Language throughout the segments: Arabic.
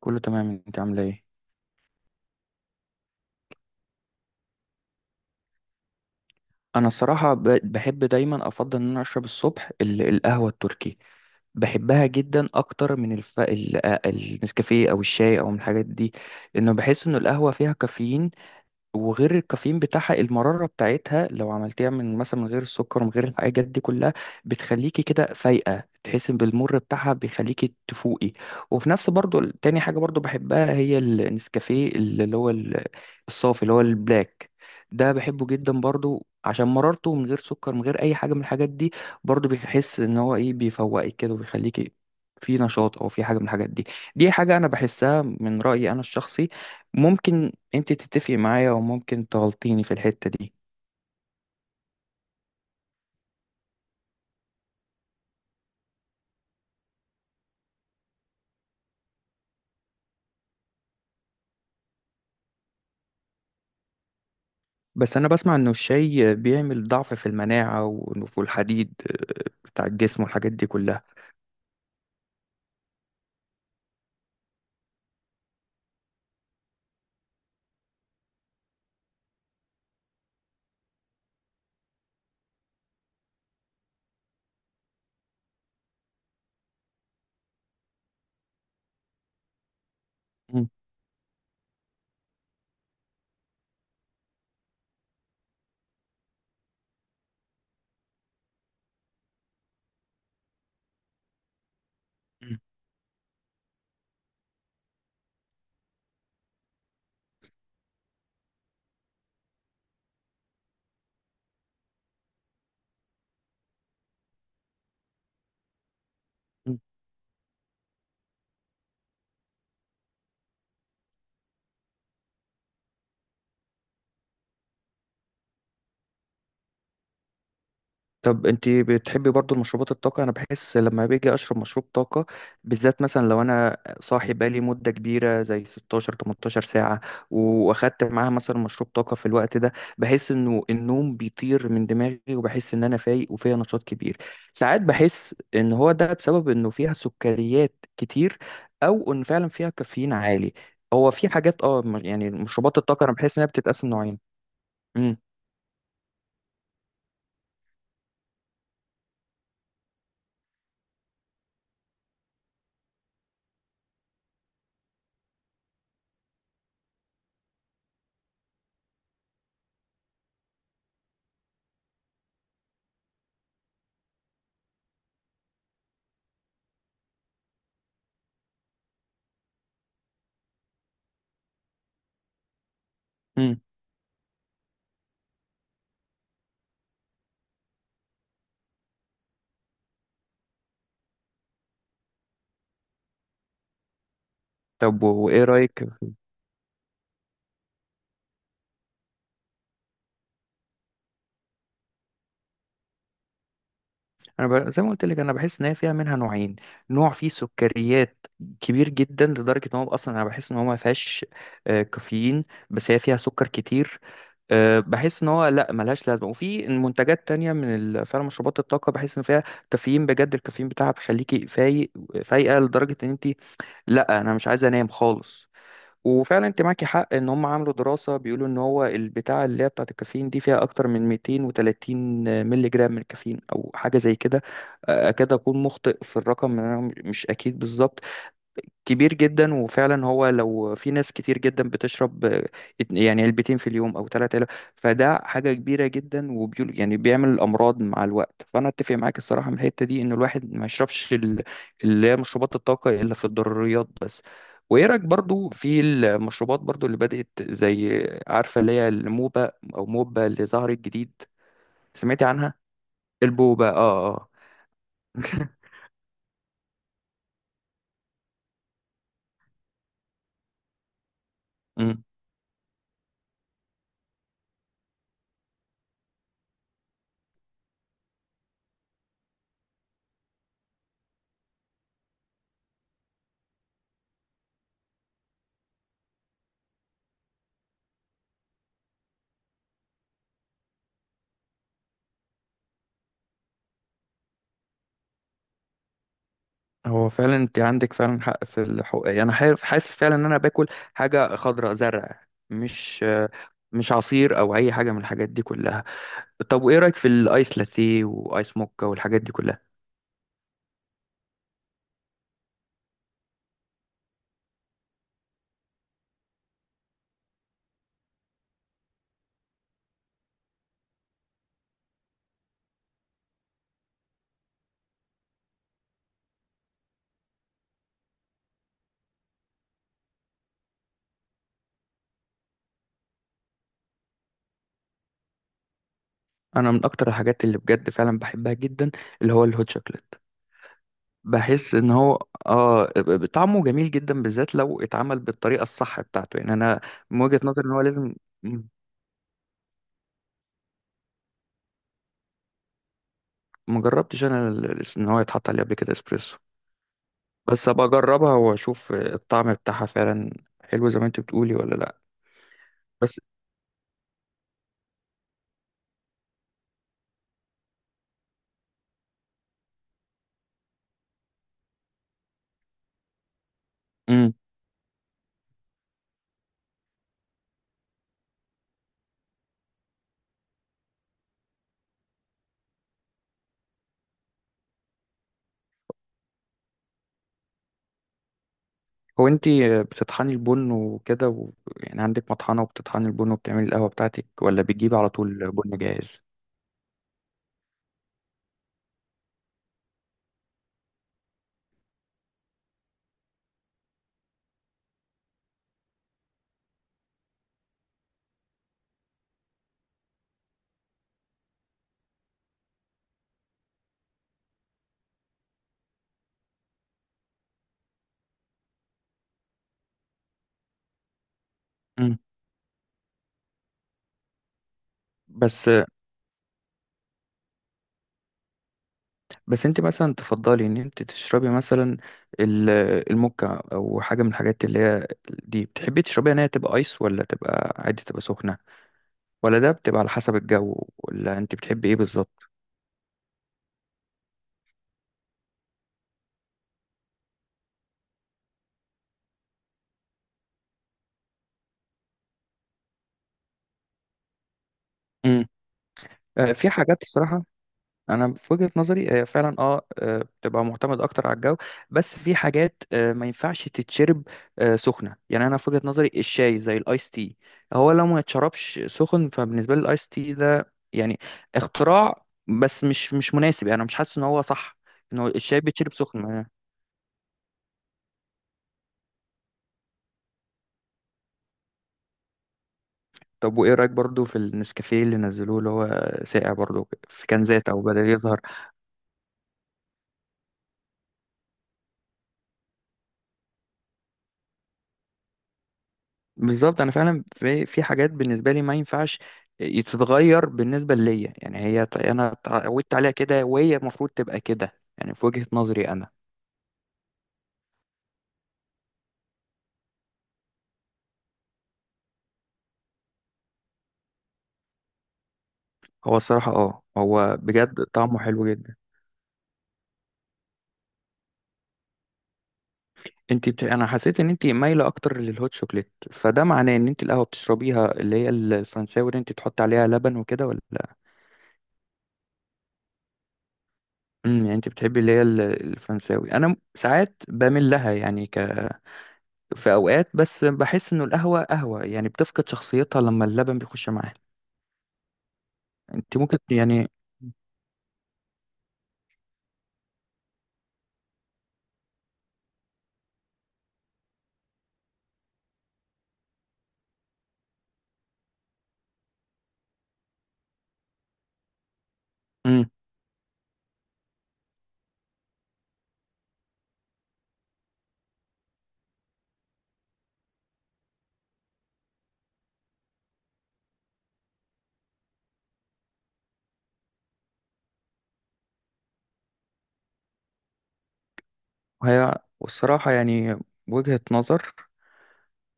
كله تمام، انت عامله ايه؟ انا الصراحه بحب دايما افضل ان انا اشرب الصبح القهوه التركي. بحبها جدا اكتر من النسكافيه او الشاي او من الحاجات دي، لانه بحس ان القهوه فيها كافيين، وغير الكافيين بتاعها المرارة بتاعتها لو عملتيها من مثلا من غير السكر ومن غير الحاجات دي كلها، بتخليكي كده فايقة، تحسي بالمر بتاعها بيخليكي تفوقي. وفي نفس برضو تاني حاجة برضو بحبها هي النسكافيه اللي هو الصافي اللي هو البلاك. ده بحبه جدا برضو عشان مرارته من غير سكر من غير اي حاجة من الحاجات دي، برضو بيحس ان هو ايه، بيفوقك كده وبيخليكي في نشاط او في حاجة من الحاجات دي. دي حاجة انا بحسها من رأيي انا الشخصي، ممكن انت تتفقي معايا وممكن تغلطيني في الحتة دي. بس انا بسمع انه الشاي بيعمل ضعف في المناعة وفي الحديد بتاع الجسم والحاجات دي كلها. مم. مم. طب انت بتحبي برضو المشروبات الطاقة؟ انا بحس لما باجي اشرب مشروب طاقة، بالذات مثلا لو انا صاحي بقالي مدة كبيرة زي 16 18 ساعة، واخدت معاها مثلا مشروب طاقة في الوقت ده، بحس انه النوم بيطير من دماغي وبحس ان انا فايق وفيا نشاط كبير. ساعات بحس ان هو ده بسبب انه فيها سكريات كتير، او ان فعلا فيها كافيين عالي. هو في حاجات يعني مشروبات الطاقة انا بحس انها بتتقسم نوعين. امم. امم. طب وايه رأيك؟ زي ما قلت لك، انا بحس ان هي فيها منها نوعين. نوع فيه سكريات كبير جدا لدرجه ان هو اصلا انا بحس ان هو ما فيهاش كافيين، بس هي فيها سكر كتير. بحس ان هو لا، ملهاش لازمه. وفي منتجات تانية من فعلا مشروبات الطاقه بحس ان فيها كافيين بجد، الكافيين بتاعها بيخليكي فايق، فايقه لدرجه ان انت، لا انا مش عايزه انام خالص. وفعلا انت معاكي حق ان هم عملوا دراسه بيقولوا ان هو البتاعه اللي هي بتاعه الكافيين دي فيها اكتر من 230 مللي جرام من الكافيين او حاجه زي كده. اكاد اكون مخطئ في الرقم، انا مش اكيد بالظبط. كبير جدا، وفعلا هو لو في ناس كتير جدا بتشرب يعني علبتين في اليوم او ثلاثة علب، فده حاجة كبيرة جدا، وبيقول يعني بيعمل امراض مع الوقت. فانا اتفق معاك الصراحة من الحتة دي ان الواحد ما يشربش اللي هي مشروبات الطاقة الا في الضروريات بس. وايه رايك برضو في المشروبات برضو اللي بدأت زي، عارفة اللي هي الموبا او موبا اللي ظهرت جديد؟ سمعتي عنها؟ البوبا، اه. اه هو فعلا انت عندك فعلا حق في الحقوق، يعني انا حاسس، حاسس فعلا ان انا باكل حاجه خضراء، زرع، مش عصير او اي حاجه من الحاجات دي كلها. طب وايه رايك في الايس لاتيه وايس موكا والحاجات دي كلها؟ انا من اكتر الحاجات اللي بجد فعلا بحبها جدا اللي هو الهوت شوكليت. بحس ان هو طعمه جميل جدا، بالذات لو اتعمل بالطريقه الصح بتاعته، يعني انا من وجهه نظري ان هو لازم. مجربتش انا ان هو يتحط عليه قبل كده اسبريسو، بس ابقى اجربها واشوف الطعم بتاعها فعلا حلو زي ما انت بتقولي ولا لا. بس، امم. هو انت بتطحني البن وكده يعني عندك مطحنة وبتطحني البن وبتعملي القهوة بتاعتك، ولا بتجيبي على طول بن جاهز؟ امم. بس بس انت مثلا تفضلي ان انت تشربي مثلا ال- الموكا او حاجة من الحاجات اللي هي دي بتحبي تشربيها، ان هي تبقى ايس ولا تبقى عادي، تبقى سخنة؟ ولا ده بتبقى على حسب الجو، ولا انت بتحبي ايه بالظبط؟ امم. في حاجات الصراحة، انا في وجهة نظري هي فعلا بتبقى معتمد اكتر على الجو. بس في حاجات ما ينفعش تتشرب سخنه، يعني انا في وجهة نظري الشاي زي الايس تي، هو لو ما يتشربش سخن فبالنسبه لي الايس تي ده يعني اختراع بس مش مناسب، يعني انا مش حاسس ان هو صح ان هو الشاي بيتشرب سخن يعني. طب وايه رايك برضو في النسكافيه اللي نزلوه اللي هو ساقع برضو في كنزات او بدل يظهر؟ بالظبط، انا فعلا في حاجات بالنسبه لي ما ينفعش تتغير بالنسبه ليا، يعني هي انا اتعودت عليها كده وهي المفروض تبقى كده، يعني في وجهه نظري انا. هو الصراحه هو بجد طعمه حلو جدا. انا حسيت ان انت مايله اكتر للهوت شوكليت، فده معناه ان انت القهوه بتشربيها اللي هي الفرنساوي اللي انت تحط عليها لبن وكده، ولا؟ امم. يعني انت بتحبي اللي هي الفرنساوي. انا ساعات بميل لها يعني، في اوقات، بس بحس انه القهوه قهوه يعني، بتفقد شخصيتها لما اللبن بيخش معاها. انت ممكن يعني. امم. هي والصراحه يعني، وجهه نظر،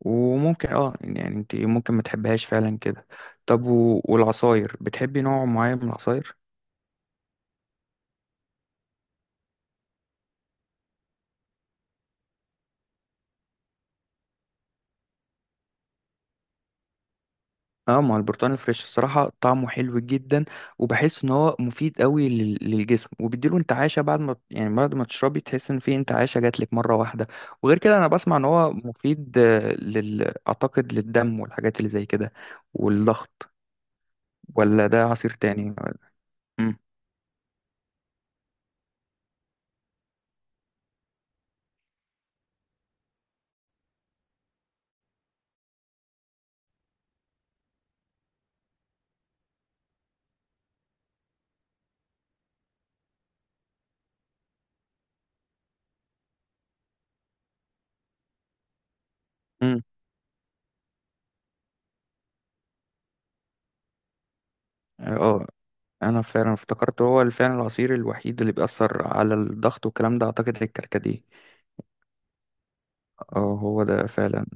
وممكن يعني انت ممكن ما تحبهاش فعلا كده. طب والعصاير، بتحبي نوع معين من العصاير؟ اه، ما هو البرتقال الفريش الصراحة طعمه حلو جدا، وبحس ان هو مفيد قوي للجسم وبيديله انتعاشة، بعد ما يعني بعد ما تشربي تحس ان في انتعاشة جات لك مرة واحدة. وغير كده انا بسمع ان هو مفيد آه، لل اعتقد للدم والحاجات اللي زي كده، والضغط. ولا ده عصير تاني؟ امم. امم. اه، انا فعلا افتكرت هو فعلا العصير الوحيد اللي بيأثر على الضغط والكلام ده اعتقد الكركديه. اه، هو ده فعلا.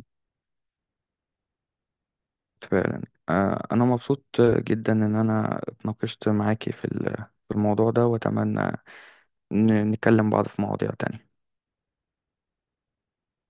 فعلا. انا مبسوط جدا ان انا اتناقشت معاكي في في الموضوع ده، واتمنى نكلم بعض في مواضيع تانية.